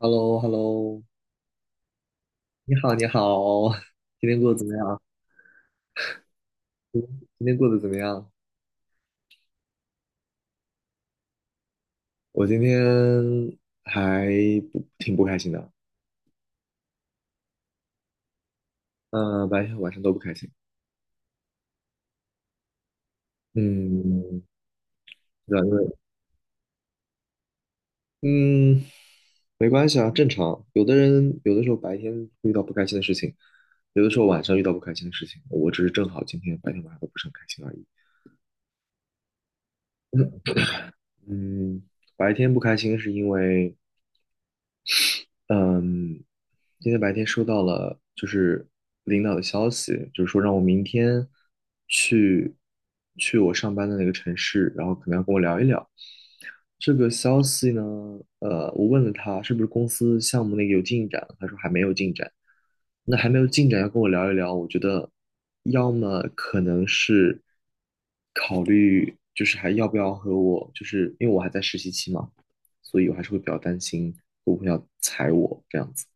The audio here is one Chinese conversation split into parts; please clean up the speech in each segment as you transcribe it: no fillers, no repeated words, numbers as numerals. h e l l o h e l l o 你好，你好。今天过得怎么样？今今天过得怎么样？我今天还不挺不开心的。嗯、白天和晚上都不开心。嗯，对啊，因为嗯，没关系啊，正常。有的人有的时候白天遇到不开心的事情，有的时候晚上遇到不开心的事情。我只是正好今天白天晚上都不是很开心而已。嗯，白天不开心是因为嗯，今天白天收到了就是领导的消息，就是说让我明天去我上班的那个城市，然后可能要跟我聊一聊。这个消息呢，我问了他是不是公司项目那个有进展，他说还没有进展。那还没有进展，要跟我聊一聊，我觉得要么可能是。就是还要不要和我，就是因为我还在实习期嘛，所以我还是会比较担心会不会要裁我这样子。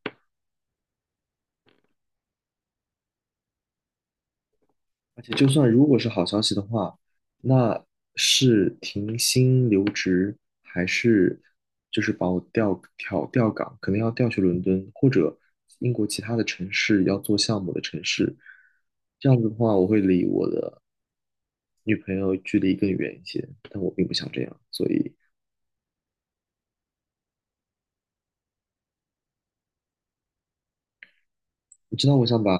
而且就算如果是好消息的话，那是停薪留职，还是就是把我调岗，可能要调去伦敦或者英国其他的城市要做项目的城市。这样子的话，我会离我的女朋友距离更远一些，但我并不想这样，所以我知道我想把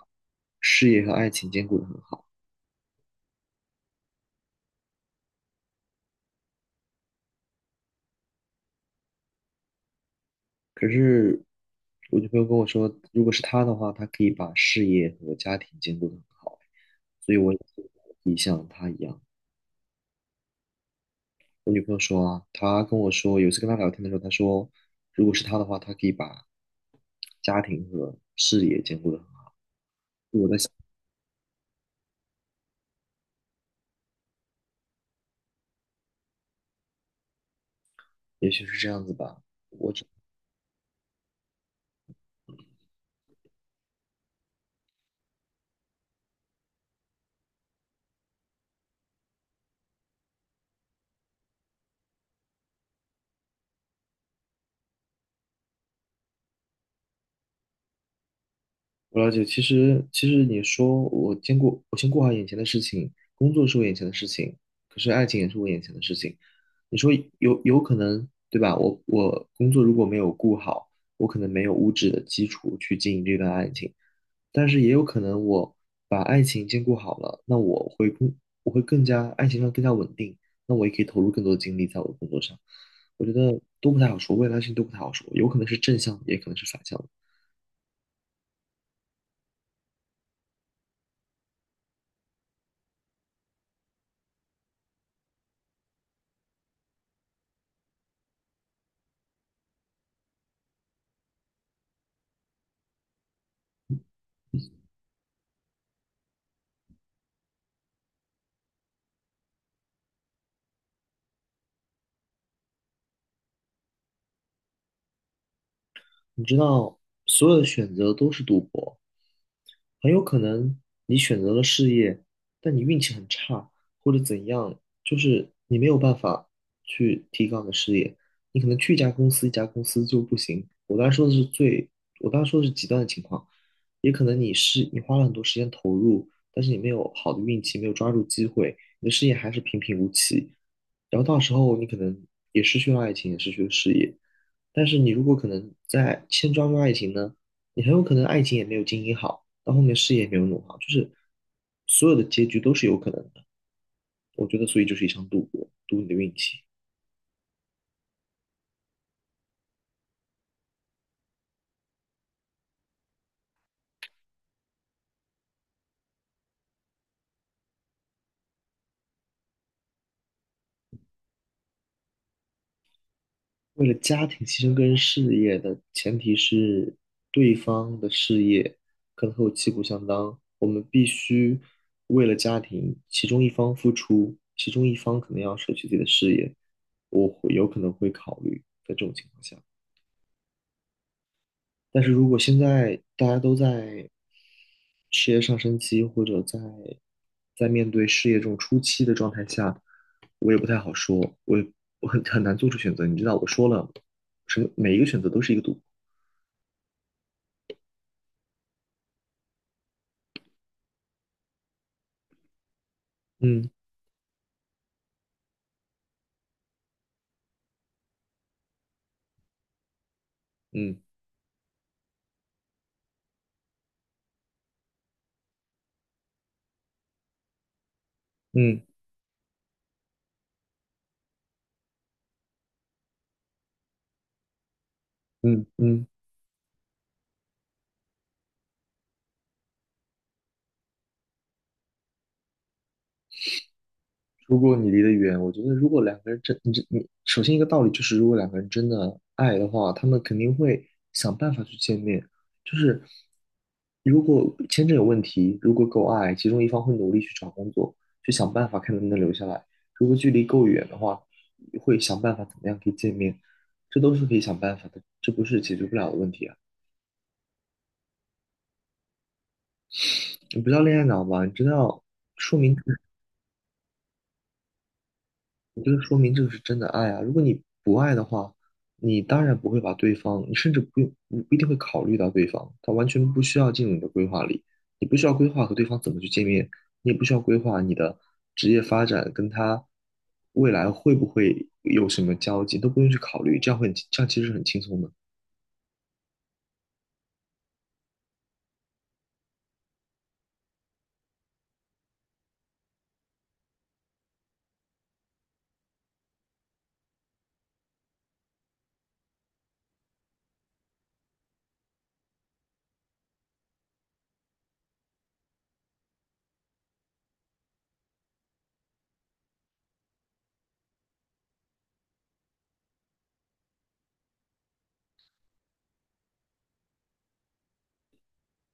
事业和爱情兼顾的很好，可是我女朋友跟我说，如果是她的话，她可以把事业和家庭兼顾的很好，所以我也可以像她一样。我女朋友说啊，她跟我说，有一次跟她聊天的时候，她说，如果是她的话，她可以把家庭和事业兼顾的很好，也许是这样子吧。我。我了解，其实你说我兼顾，我先过好眼前的事情，工作是我眼前的事情，可是爱情也是我眼前的事情。你说有可能，对吧？我工作如果没有顾好，我可能没有物质的基础去经营这段爱情，但是也有可能我把爱情兼顾好了，那我会更加爱情上更加稳定，那我也可以投入更多的精力在我的工作上。我觉得都不太好说，未来的事情都不太好说，有可能是正向，也可能是反向的。你知道，所有的选择都是赌博，很有可能你选择了事业，但你运气很差，或者怎样，就是你没有办法去提高你的事业，你可能去一家公司，一家公司就不行。我刚才说的是最，我刚才说的是极端的情况，也可能你是你花了很多时间投入，但是你没有好的运气，没有抓住机会，你的事业还是平平无奇。然后到时候你可能也失去了爱情，也失去了事业。但是你如果可能在先抓住爱情呢，你很有可能爱情也没有经营好，到后面事业也没有弄好，就是所有的结局都是有可能的。我觉得，所以就是一场赌博，赌你的运气。为了家庭牺牲个人事业的前提是对方的事业可能和我旗鼓相当，我们必须为了家庭，其中一方付出，其中一方可能要舍弃自己的事业，我会有可能会考虑在这种情况下。但是如果现在大家都在事业上升期，或者在面对事业这种初期的状态下，我也不太好说，我也很难做出选择。你知道，我说了，什么每一个选择都是一个赌博。嗯，嗯，嗯，嗯，嗯。如果你离得远，我觉得如果两个人真，你这你首先一个道理就是，如果两个人真的爱的话，他们肯定会想办法去见面。就是如果签证有问题，如果够爱，其中一方会努力去找工作，去想办法看能不能留下来。如果距离够远的话，会想办法怎么样可以见面，这都是可以想办法的，这不是解决不了的问题啊。你不叫恋爱脑吧？你真的要说明我觉得说明这个是真的爱啊。如果你不爱的话，你当然不会把对方，你甚至不用不一定会考虑到对方，他完全不需要进入你的规划里，你不需要规划和对方怎么去见面，你也不需要规划你的职业发展跟他未来会不会有什么交集，都不用去考虑，这样会很这样其实是很轻松的。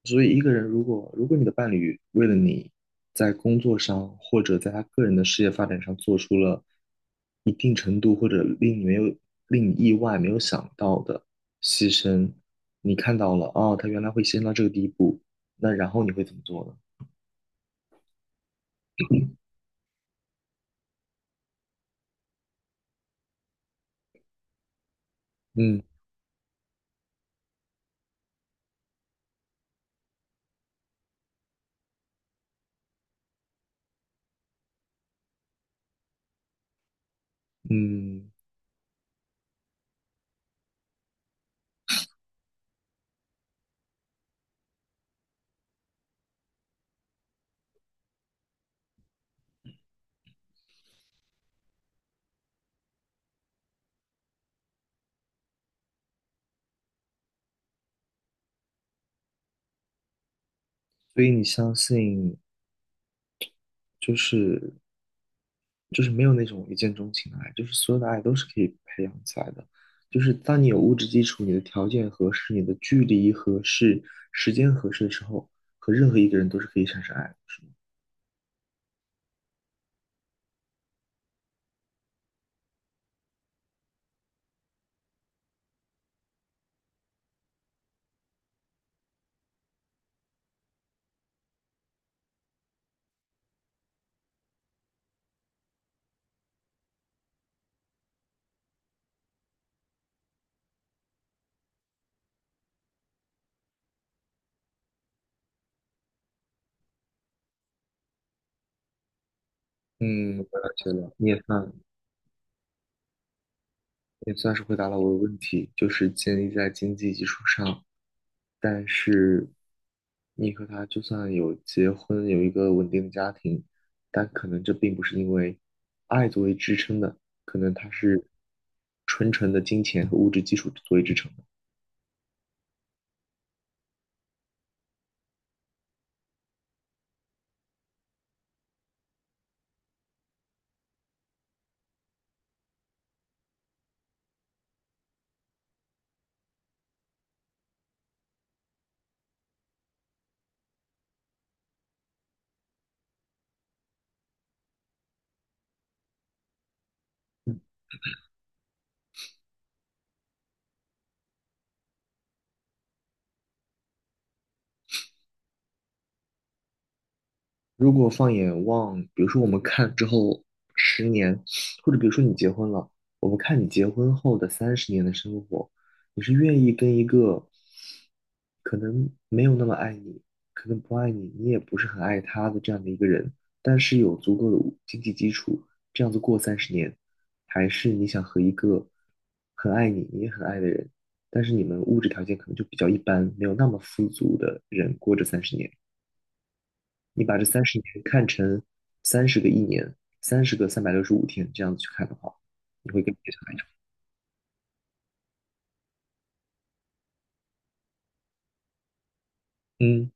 所以，一个人如果如果你的伴侣为了你在工作上或者在他个人的事业发展上做出了一定程度或者令你没有令你意外没有想到的牺牲，你看到了哦，他原来会牺牲到这个地步，那然后你会怎么做呢？嗯。嗯，所以你相信就是就是没有那种一见钟情的爱，就是所有的爱都是可以培养起来的。就是当你有物质基础，你的条件合适，你的距离合适，时间合适的时候，和任何一个人都是可以产生爱的，是吗？嗯，我了解了，你也算是回答了我的问题，就是建立在经济基础上。但是你和他就算有结婚，有一个稳定的家庭，但可能这并不是因为爱作为支撑的，可能它是纯纯的金钱和物质基础作为支撑的。嗯如果放眼望，比如说我们看之后十年，或者比如说你结婚了，我们看你结婚后的三十年的生活，你是愿意跟一个可能没有那么爱你，可能不爱你，你也不是很爱他的这样的一个人，但是有足够的经济基础，这样子过三十年，还是你想和一个很爱你，你也很爱的人，但是你们物质条件可能就比较一般，没有那么富足的人过这三十年，你把这三十年看成30个1年，30个365天这样子去看的话，你会更偏向爱他。嗯。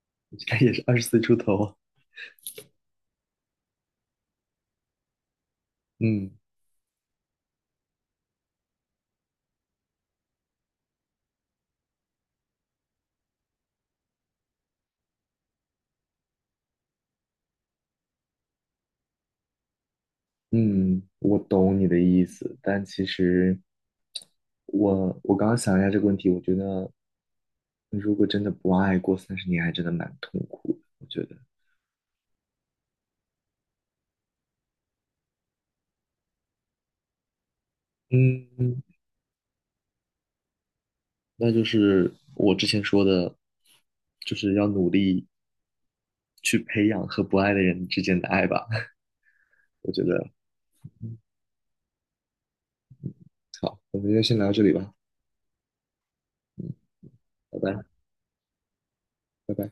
你现在也是20岁出头啊，嗯。嗯，我懂你的意思，但其实我刚刚想一下这个问题，我觉得如果真的不爱过三十年，还真的蛮痛苦的。我觉得，嗯，那就是我之前说的，就是要努力去培养和不爱的人之间的爱吧。我觉得好，我们就先聊到这里吧，拜拜，拜拜。